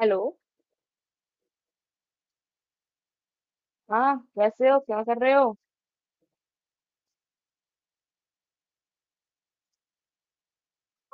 Hello. हाँ, कैसे हो? क्या कर रहे हो?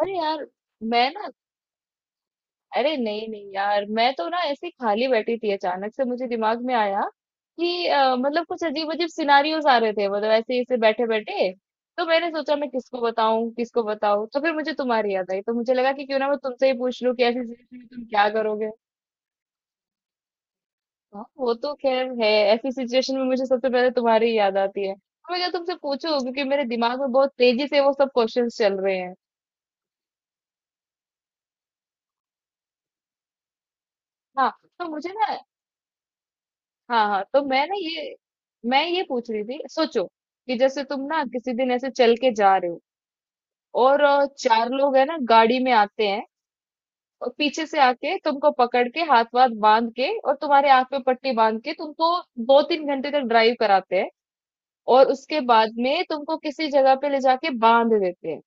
अरे यार। मैं ना अरे, नहीं नहीं यार, मैं तो ना ऐसे ही खाली बैठी थी। अचानक से मुझे दिमाग में आया कि मतलब कुछ अजीब अजीब सिनारियोज आ रहे थे, मतलब ऐसे ही ऐसे बैठे बैठे। तो मैंने सोचा मैं किसको बताऊं किसको बताऊं, तो फिर मुझे तुम्हारी याद आई। तो मुझे लगा कि क्यों ना मैं तुमसे ही पूछ लूं कि ऐसी सिचुएशन में तुम क्या करोगे। हाँ, वो तो खैर है। ऐसी सिचुएशन में मुझे सबसे पहले तुम्हारी ही याद आती है, तो मैं क्या तुमसे पूछूं क्योंकि मेरे दिमाग में बहुत तेजी से वो सब क्वेश्चंस चल रहे हैं। हाँ। तो मुझे ना हाँ हाँ, मैं ये पूछ रही थी। सोचो कि जैसे तुम ना किसी दिन ऐसे चल के जा रहे हो और चार लोग है ना गाड़ी में आते हैं और पीछे से आके तुमको पकड़ के हाथ वाथ बांध के और तुम्हारे आंख पे पट्टी बांध के तुमको 2-3 घंटे तक ड्राइव कराते हैं और उसके बाद में तुमको किसी जगह पे ले जाके बांध देते हैं।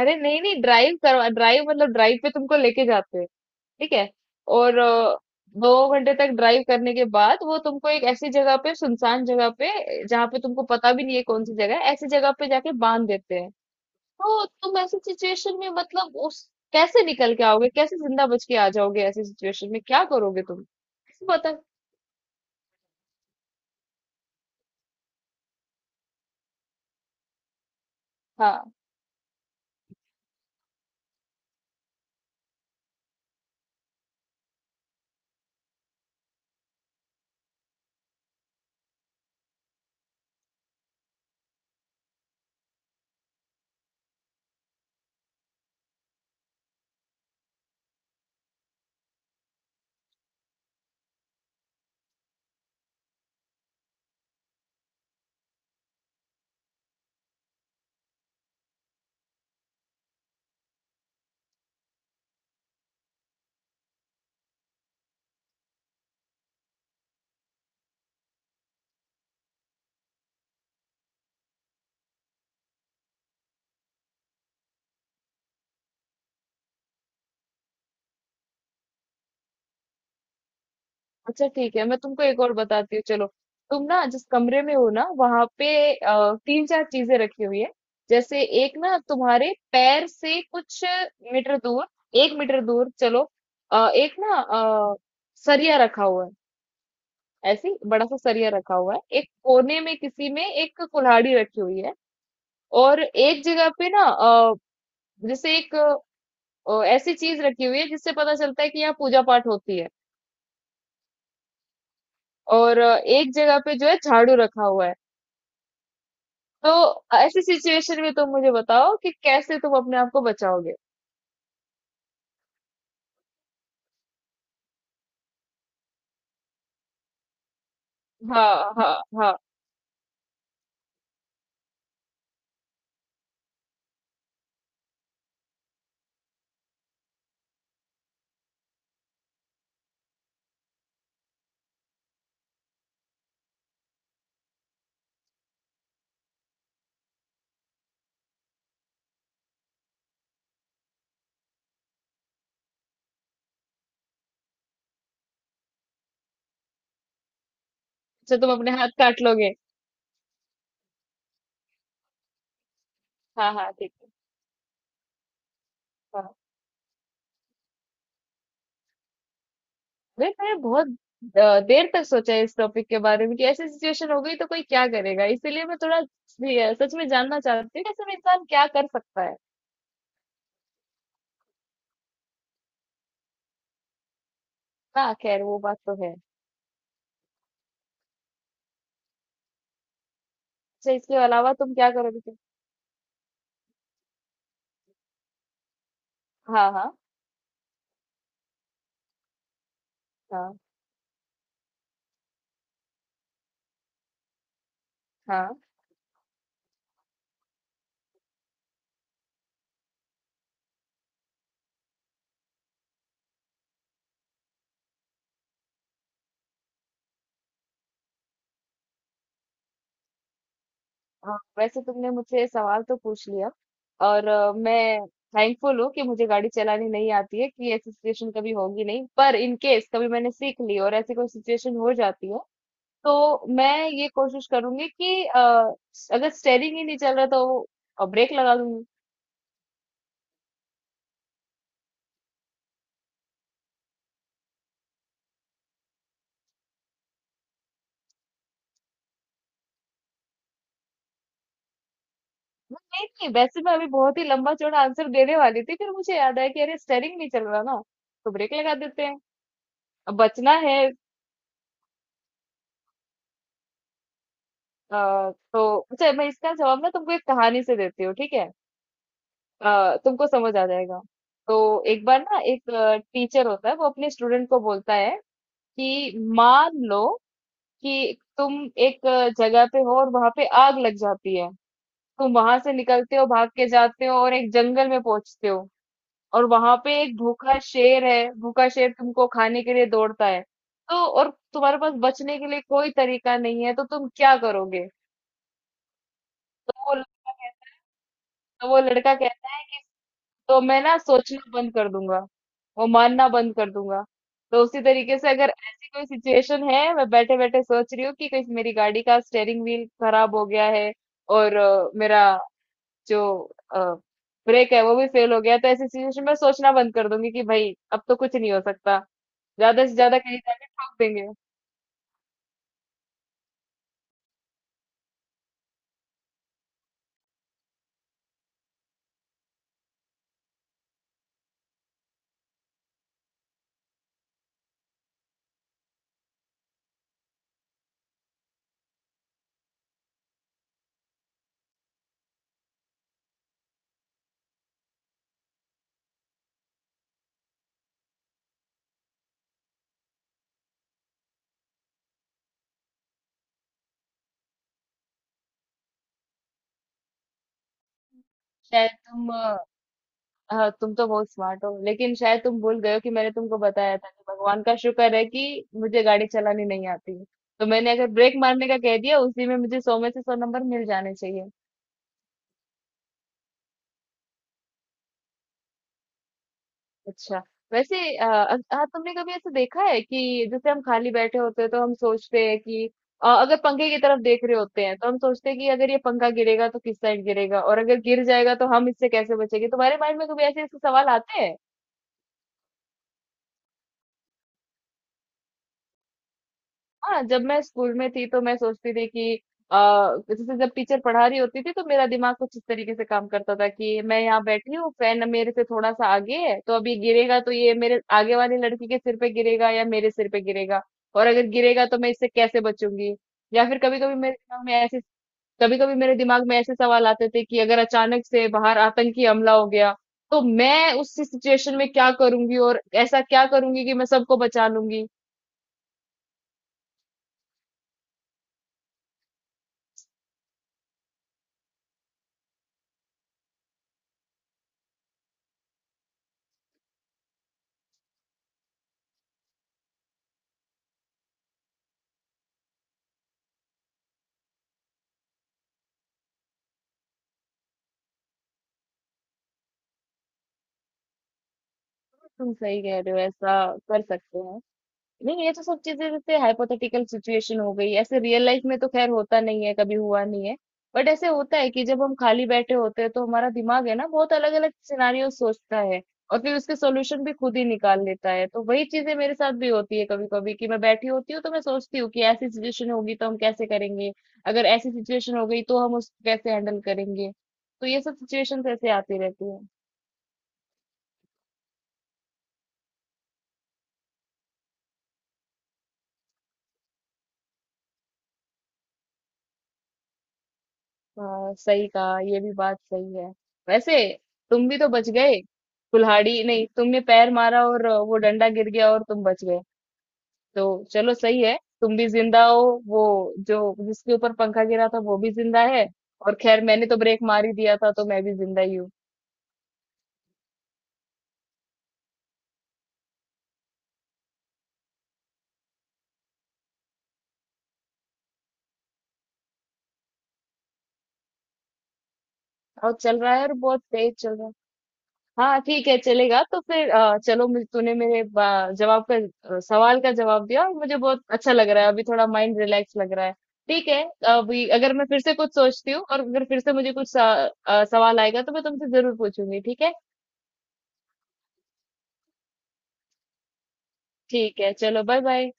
अरे, नहीं नहीं, ड्राइव मतलब ड्राइव पे तुमको लेके जाते हैं। ठीक है। और 2 घंटे तक ड्राइव करने के बाद वो तुमको एक ऐसी जगह पे, सुनसान जगह पे, जहाँ पे तुमको पता भी नहीं है कौन सी जगह है, ऐसी जगह पे जाके बांध देते हैं। तो तुम ऐसी सिचुएशन में मतलब उस कैसे निकल के आओगे? कैसे जिंदा बच के आ जाओगे? ऐसी सिचुएशन में क्या करोगे तुम? पता। हाँ। अच्छा, ठीक है, मैं तुमको एक और बताती हूँ। चलो, तुम ना जिस कमरे में हो ना वहां पे तीन चार चीजें रखी हुई है। जैसे एक ना तुम्हारे पैर से कुछ मीटर दूर, 1 मीटर दूर, चलो अ, एक ना अ, सरिया रखा हुआ है। ऐसी बड़ा सा सरिया रखा हुआ है एक कोने में। किसी में एक कुल्हाड़ी रखी हुई है। और एक जगह पे ना जैसे एक ऐसी चीज रखी हुई है जिससे पता चलता है कि यहाँ पूजा पाठ होती है। और एक जगह पे जो है झाड़ू रखा हुआ है। तो ऐसी सिचुएशन में तुम मुझे बताओ कि कैसे तुम अपने आप को बचाओगे। हाँ, हाँ, हाँ। अच्छा, तुम अपने हाथ काट लोगे? हाँ, हाँ, ठीक है। हाँ। अरे, मैंने बहुत देर तक सोचा इस टॉपिक के बारे में कि ऐसी सिचुएशन हो गई तो कोई क्या करेगा। इसीलिए मैं थोड़ा भी, सच में जानना चाहती हूँ कि असल में इंसान क्या कर सकता है। हाँ, खैर वो बात तो है। अच्छा, इसके अलावा तुम क्या करोगे? हाँ, हाँ, हाँ, हाँ, हाँ। वैसे तुमने मुझसे ये सवाल तो पूछ लिया और मैं थैंकफुल हूँ कि मुझे गाड़ी चलानी नहीं आती है कि ऐसी सिचुएशन कभी होगी नहीं। पर इन केस कभी मैंने सीख ली और ऐसी कोई सिचुएशन हो जाती है, तो मैं ये कोशिश करूंगी कि अगर स्टेयरिंग ही नहीं चल रहा तो ब्रेक लगा दूंगी। नहीं नहीं, वैसे मैं अभी बहुत ही लंबा चौड़ा आंसर देने वाली थी, फिर मुझे याद आया कि अरे स्टेयरिंग नहीं चल रहा ना, तो ब्रेक लगा देते हैं, अब बचना है। तो अच्छा, मैं इसका जवाब ना तुमको एक कहानी से देती हूँ। ठीक है, तुमको समझ आ जाएगा। तो एक बार ना एक टीचर होता है, वो अपने स्टूडेंट को बोलता है कि मान लो कि तुम एक जगह पे हो और वहां पे आग लग जाती है। तुम वहां से निकलते हो, भाग के जाते हो और एक जंगल में पहुंचते हो। और वहां पे एक भूखा शेर है। भूखा शेर तुमको खाने के लिए दौड़ता है। तो और तुम्हारे पास बचने के लिए कोई तरीका नहीं है, तो तुम क्या करोगे? तो वो लड़का कहता, तो वो लड़का कहता है तो मैं ना सोचना बंद कर दूंगा, वो मानना बंद कर दूंगा। तो उसी तरीके से अगर ऐसी कोई सिचुएशन है, मैं बैठे बैठे सोच रही हूँ कि कहीं मेरी गाड़ी का स्टेयरिंग व्हील खराब हो गया है और मेरा जो ब्रेक है वो भी फेल हो गया है, तो ऐसी सिचुएशन में सोचना बंद कर दूंगी कि भाई अब तो कुछ नहीं हो सकता। ज्यादा से ज्यादा कहीं जाके ठोक देंगे। शायद तुम हाँ, तुम तो बहुत स्मार्ट हो लेकिन शायद तुम भूल गए हो कि मैंने तुमको बताया था कि भगवान का शुक्र है कि मुझे गाड़ी चलानी नहीं आती। तो मैंने अगर ब्रेक मारने का कह दिया उसी में मुझे 100 में से 100 नंबर मिल जाने चाहिए। अच्छा। वैसे हाँ, तुमने कभी ऐसा देखा है कि जैसे हम खाली बैठे होते हैं तो हम सोचते हैं कि अगर पंखे की तरफ देख रहे होते हैं तो हम सोचते हैं कि अगर ये पंखा गिरेगा तो किस साइड गिरेगा? और अगर गिर जाएगा तो हम इससे कैसे बचेंगे? तुम्हारे माइंड में कभी ऐसे ऐसे सवाल आते हैं? हाँ, जब मैं स्कूल में थी तो मैं सोचती थी कि जैसे जब टीचर पढ़ा रही होती थी, तो मेरा दिमाग कुछ इस तरीके से काम करता था कि मैं यहाँ बैठी हूँ, फैन मेरे से थोड़ा सा आगे है, तो अभी गिरेगा तो ये मेरे आगे वाली लड़की के सिर पे गिरेगा या मेरे सिर पे गिरेगा? और अगर गिरेगा तो मैं इससे कैसे बचूंगी? या फिर कभी कभी मेरे दिमाग में ऐसे कभी कभी मेरे दिमाग में ऐसे सवाल आते थे कि अगर अचानक से बाहर आतंकी हमला हो गया तो मैं उस सिचुएशन में क्या करूंगी और ऐसा क्या करूंगी कि मैं सबको बचा लूंगी। तुम सही कह रहे हो, ऐसा कर सकते हैं। नहीं, ये तो सब चीजें जैसे हाइपोथेटिकल सिचुएशन हो गई। ऐसे रियल लाइफ में तो खैर होता नहीं है, कभी हुआ नहीं है। बट ऐसे होता है कि जब हम खाली बैठे होते हैं तो हमारा दिमाग है ना बहुत अलग अलग सिनारियो सोचता है, और फिर उसके सॉल्यूशन भी खुद ही निकाल लेता है। तो वही चीजें मेरे साथ भी होती है कभी कभी, कि मैं बैठी होती हूँ तो मैं सोचती हूँ कि ऐसी सिचुएशन होगी तो हम कैसे करेंगे? अगर ऐसी सिचुएशन हो गई तो हम उसको कैसे हैंडल करेंगे? तो ये सब सिचुएशन ऐसे आती रहती है। हाँ, सही कहा, ये भी बात सही है। वैसे तुम भी तो बच गए। कुल्हाड़ी नहीं, तुमने पैर मारा और वो डंडा गिर गया और तुम बच गए। तो चलो, सही है, तुम भी जिंदा हो। वो जो जिसके ऊपर पंखा गिरा था वो भी जिंदा है। और खैर मैंने तो ब्रेक मार ही दिया था, तो मैं भी जिंदा ही हूँ। और चल रहा है, और बहुत तेज चल रहा है। हाँ, ठीक है, चलेगा। तो फिर चलो, तूने मेरे बा- जवाब का अ, सवाल का जवाब दिया और मुझे बहुत अच्छा लग रहा है। अभी थोड़ा माइंड रिलैक्स लग रहा है। ठीक है, अभी अगर मैं फिर से कुछ सोचती हूँ और अगर फिर से मुझे कुछ सवाल आएगा तो मैं तुमसे जरूर पूछूंगी। ठीक है, ठीक है, चलो, बाय बाय।